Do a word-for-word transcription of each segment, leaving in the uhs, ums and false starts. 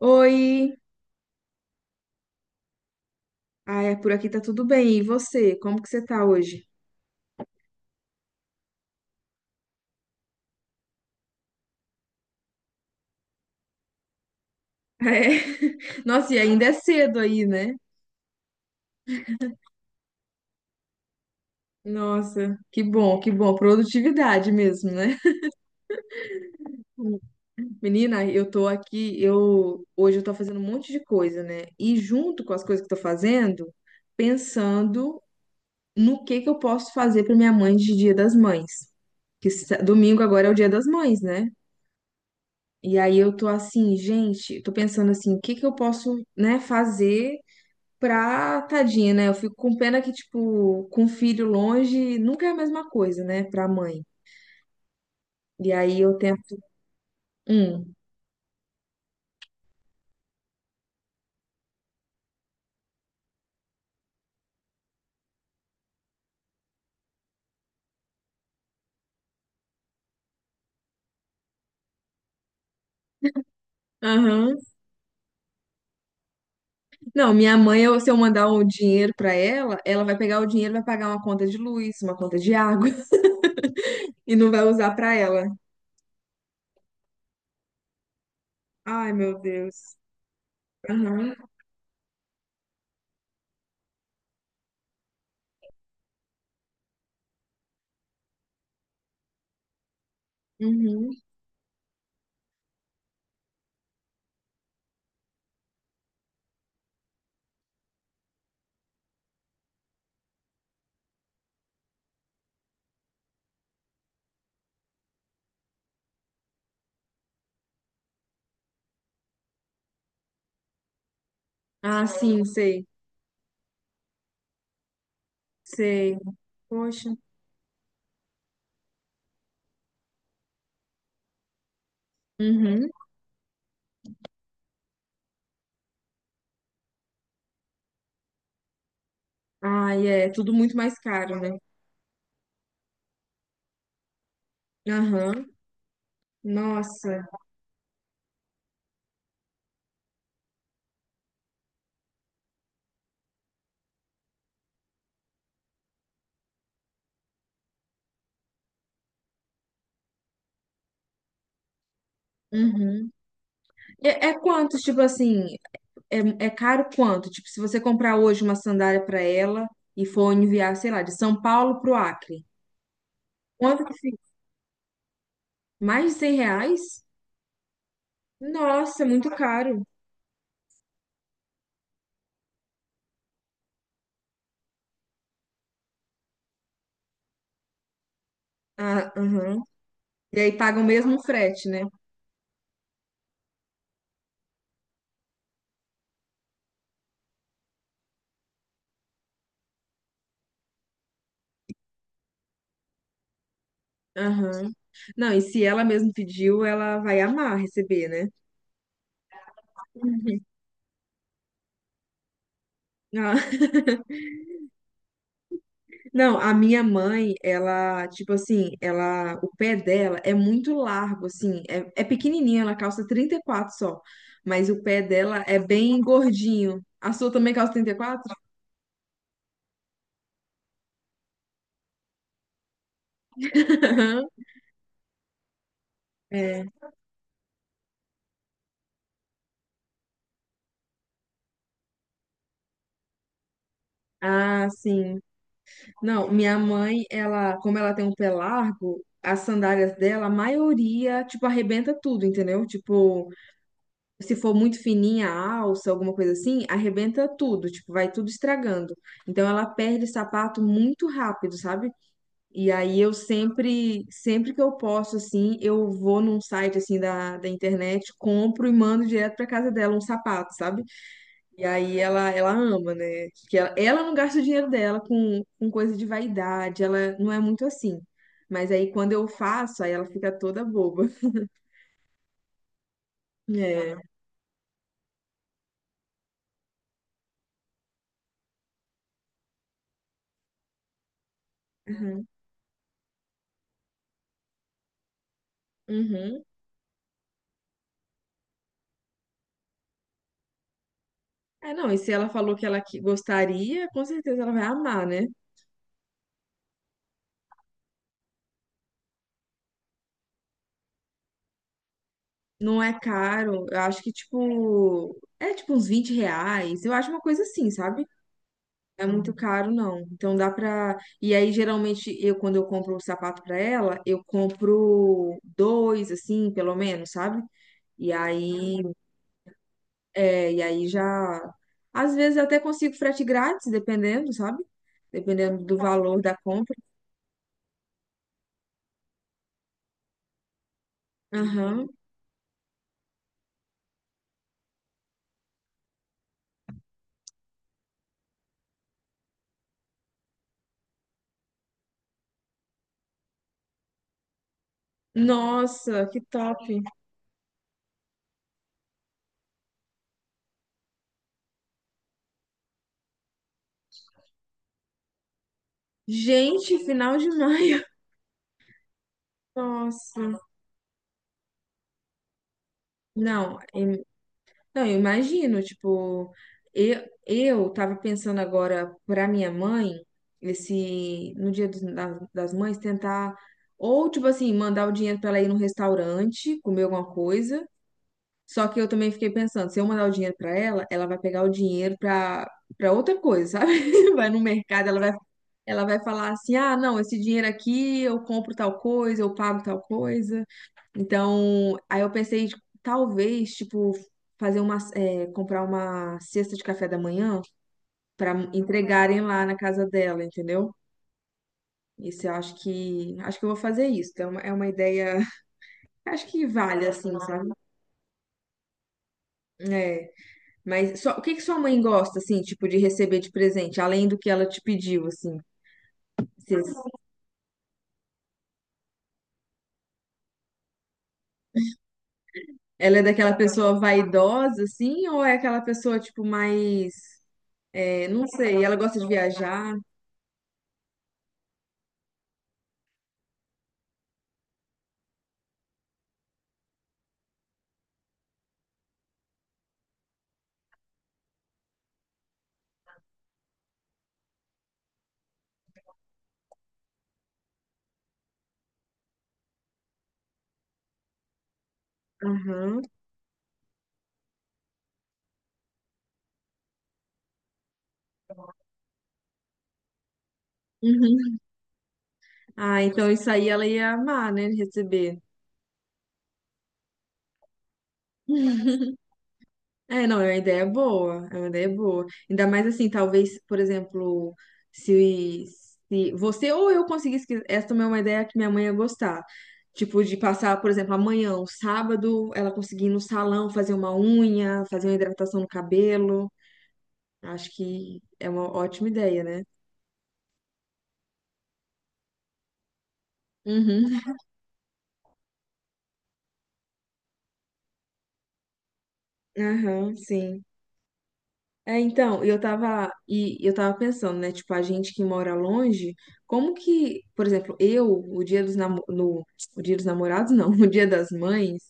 Oi! Ai, é, por aqui tá tudo bem. E você? Como que você tá hoje? É. Nossa, e ainda é cedo aí, né? Nossa, que bom, que bom. Produtividade mesmo, né? Menina, eu tô aqui, eu hoje eu tô fazendo um monte de coisa, né? E junto com as coisas que eu tô fazendo, pensando no que que eu posso fazer pra minha mãe de Dia das Mães. Que sa- domingo agora é o Dia das Mães, né? E aí eu tô assim, gente, tô pensando assim, o que que eu posso, né, fazer pra tadinha, né? Eu fico com pena que, tipo, com filho longe nunca é a mesma coisa, né, pra mãe. E aí eu tento. Hum. Aham. Não, minha mãe, eu- se eu mandar um dinheiro pra ela, ela vai pegar o dinheiro, e vai pagar uma conta de luz, uma conta de água e não vai usar pra ela. Ai, meu Deus. Aham. Uhum. Ah, sim, sei. Sei. Poxa. Uhum. Ai, é tudo muito mais caro, né? Aham. Nossa. Uhum. É, é quantos, tipo assim, é, é caro quanto? Tipo, se você comprar hoje uma sandália para ela e for enviar, sei lá, de São Paulo pro Acre, quanto que fica? Mais de cem reais? Nossa, é muito caro. Ah, aham. E aí paga o mesmo frete, né? Aham. Não, e se ela mesmo pediu, ela vai amar receber, né? Ah, não, a minha mãe, ela, tipo assim, ela, o pé dela é muito largo, assim, é, é pequenininha, ela calça trinta e quatro só, mas o pé dela é bem gordinho. A sua também calça trinta e quatro? É. Ah, sim. Não, minha mãe, ela, como ela tem um pé largo, as sandálias dela, a maioria, tipo, arrebenta tudo, entendeu? Tipo, se for muito fininha a alça, alguma coisa assim, arrebenta tudo, tipo, vai tudo estragando. Então ela perde sapato muito rápido, sabe? E aí eu sempre, sempre que eu posso, assim, eu vou num site, assim, da, da internet, compro e mando direto pra casa dela um sapato, sabe? E aí ela, ela ama, né? Que ela, ela não gasta o dinheiro dela com, com coisa de vaidade, ela não é muito assim. Mas aí quando eu faço, aí ela fica toda boba. É. Uhum. Uhum. É, não, e se ela falou que ela que- gostaria, com certeza ela vai amar, né? Não é caro, eu acho que, tipo, é tipo uns vinte reais, eu acho uma coisa assim, sabe? Não, é muito, uhum, caro, não. Então dá pra. E aí, geralmente, eu, quando eu compro o sapato pra ela, eu compro dois, assim, pelo menos, sabe? E aí, é, e aí já. Às vezes eu até consigo frete grátis, dependendo, sabe? Dependendo do valor da compra. Aham. Nossa, que top! Gente, final de maio. Nossa. Não, im- não, eu imagino, tipo, eu, eu tava pensando agora pra minha mãe, esse, no dia dos- da- das mães, tentar, ou, tipo assim, mandar o dinheiro pra ela ir num restaurante, comer alguma coisa. Só que eu também fiquei pensando, se eu mandar o dinheiro pra ela, ela vai pegar o dinheiro pra, pra outra coisa, sabe? Vai no mercado, ela vai, ela vai falar assim, ah, não, esse dinheiro aqui eu compro tal coisa, eu pago tal coisa. Então, aí eu pensei, tipo, talvez, tipo, fazer uma, é, comprar uma cesta de café da manhã para entregarem lá na casa dela, entendeu? Isso eu acho que, acho que eu vou fazer isso. Então, é uma é uma ideia, acho que vale, assim, sabe? É. Mas só, o que que sua mãe gosta, assim, tipo, de receber de presente, além do que ela te pediu, assim? Cês- Ela é daquela pessoa vaidosa, assim, ou é aquela pessoa, tipo, mais, é, não sei, ela gosta de viajar? Aham. Uhum. Ah, então isso aí ela ia amar, né? Receber. É, não, é uma ideia boa, é uma ideia boa. Ainda mais assim, talvez, por exemplo, se, se você ou eu conseguisse, que- essa também é uma ideia que minha mãe ia gostar. Tipo, de passar, por exemplo, amanhã, um sábado, ela conseguir ir no salão, fazer uma unha, fazer uma hidratação no cabelo. Acho que é uma ótima ideia, né? Uhum. Aham, sim. É, então, eu tava, e eu tava pensando, né, tipo, a gente que mora longe, como que, por exemplo, eu, o dia dos namo- no, o dia dos namorados, não, o dia das mães,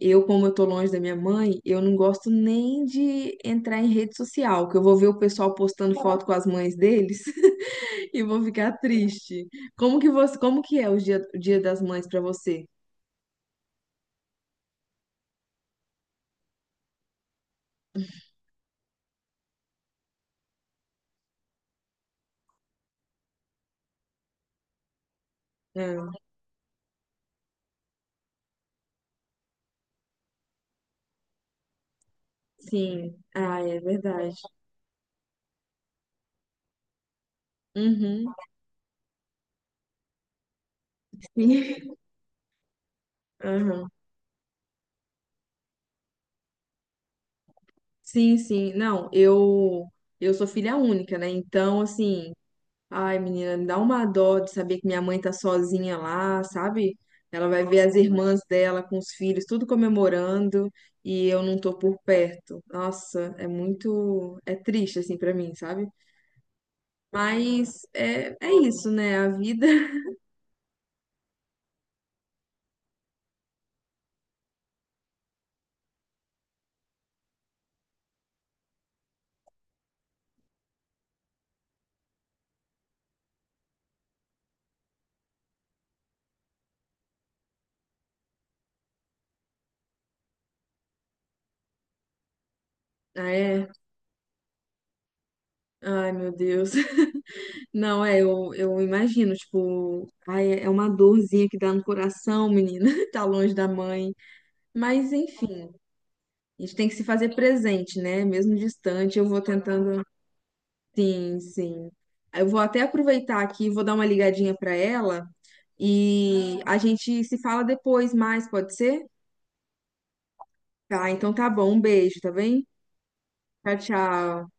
eu, como eu tô longe da minha mãe, eu não gosto nem de entrar em rede social, que eu vou ver o pessoal postando foto com as mães deles e eu vou ficar triste. Como que você, como que é o dia, o dia das mães pra você? Ah, sim, ah, é verdade. Uhum, sim, sim, sim. Não, eu eu sou filha única, né? Então, assim, ai, menina, me dá uma dó de saber que minha mãe tá sozinha lá, sabe? Ela vai ver as irmãs dela com os filhos, tudo comemorando, e eu não tô por perto. Nossa, é muito, é triste assim pra mim, sabe? Mas é, é isso, né? A vida. Ah, é. Ai, meu Deus. Não, é, eu, eu imagino, tipo, ai, é uma dorzinha que dá no coração, menina, tá longe da mãe. Mas, enfim, a gente tem que se fazer presente, né? Mesmo distante, eu vou tentando. Sim, sim. Eu vou até aproveitar aqui, vou dar uma ligadinha para ela e a gente se fala depois mais, pode ser? Tá, então tá bom. Um beijo, tá bem? Tchau, tchau.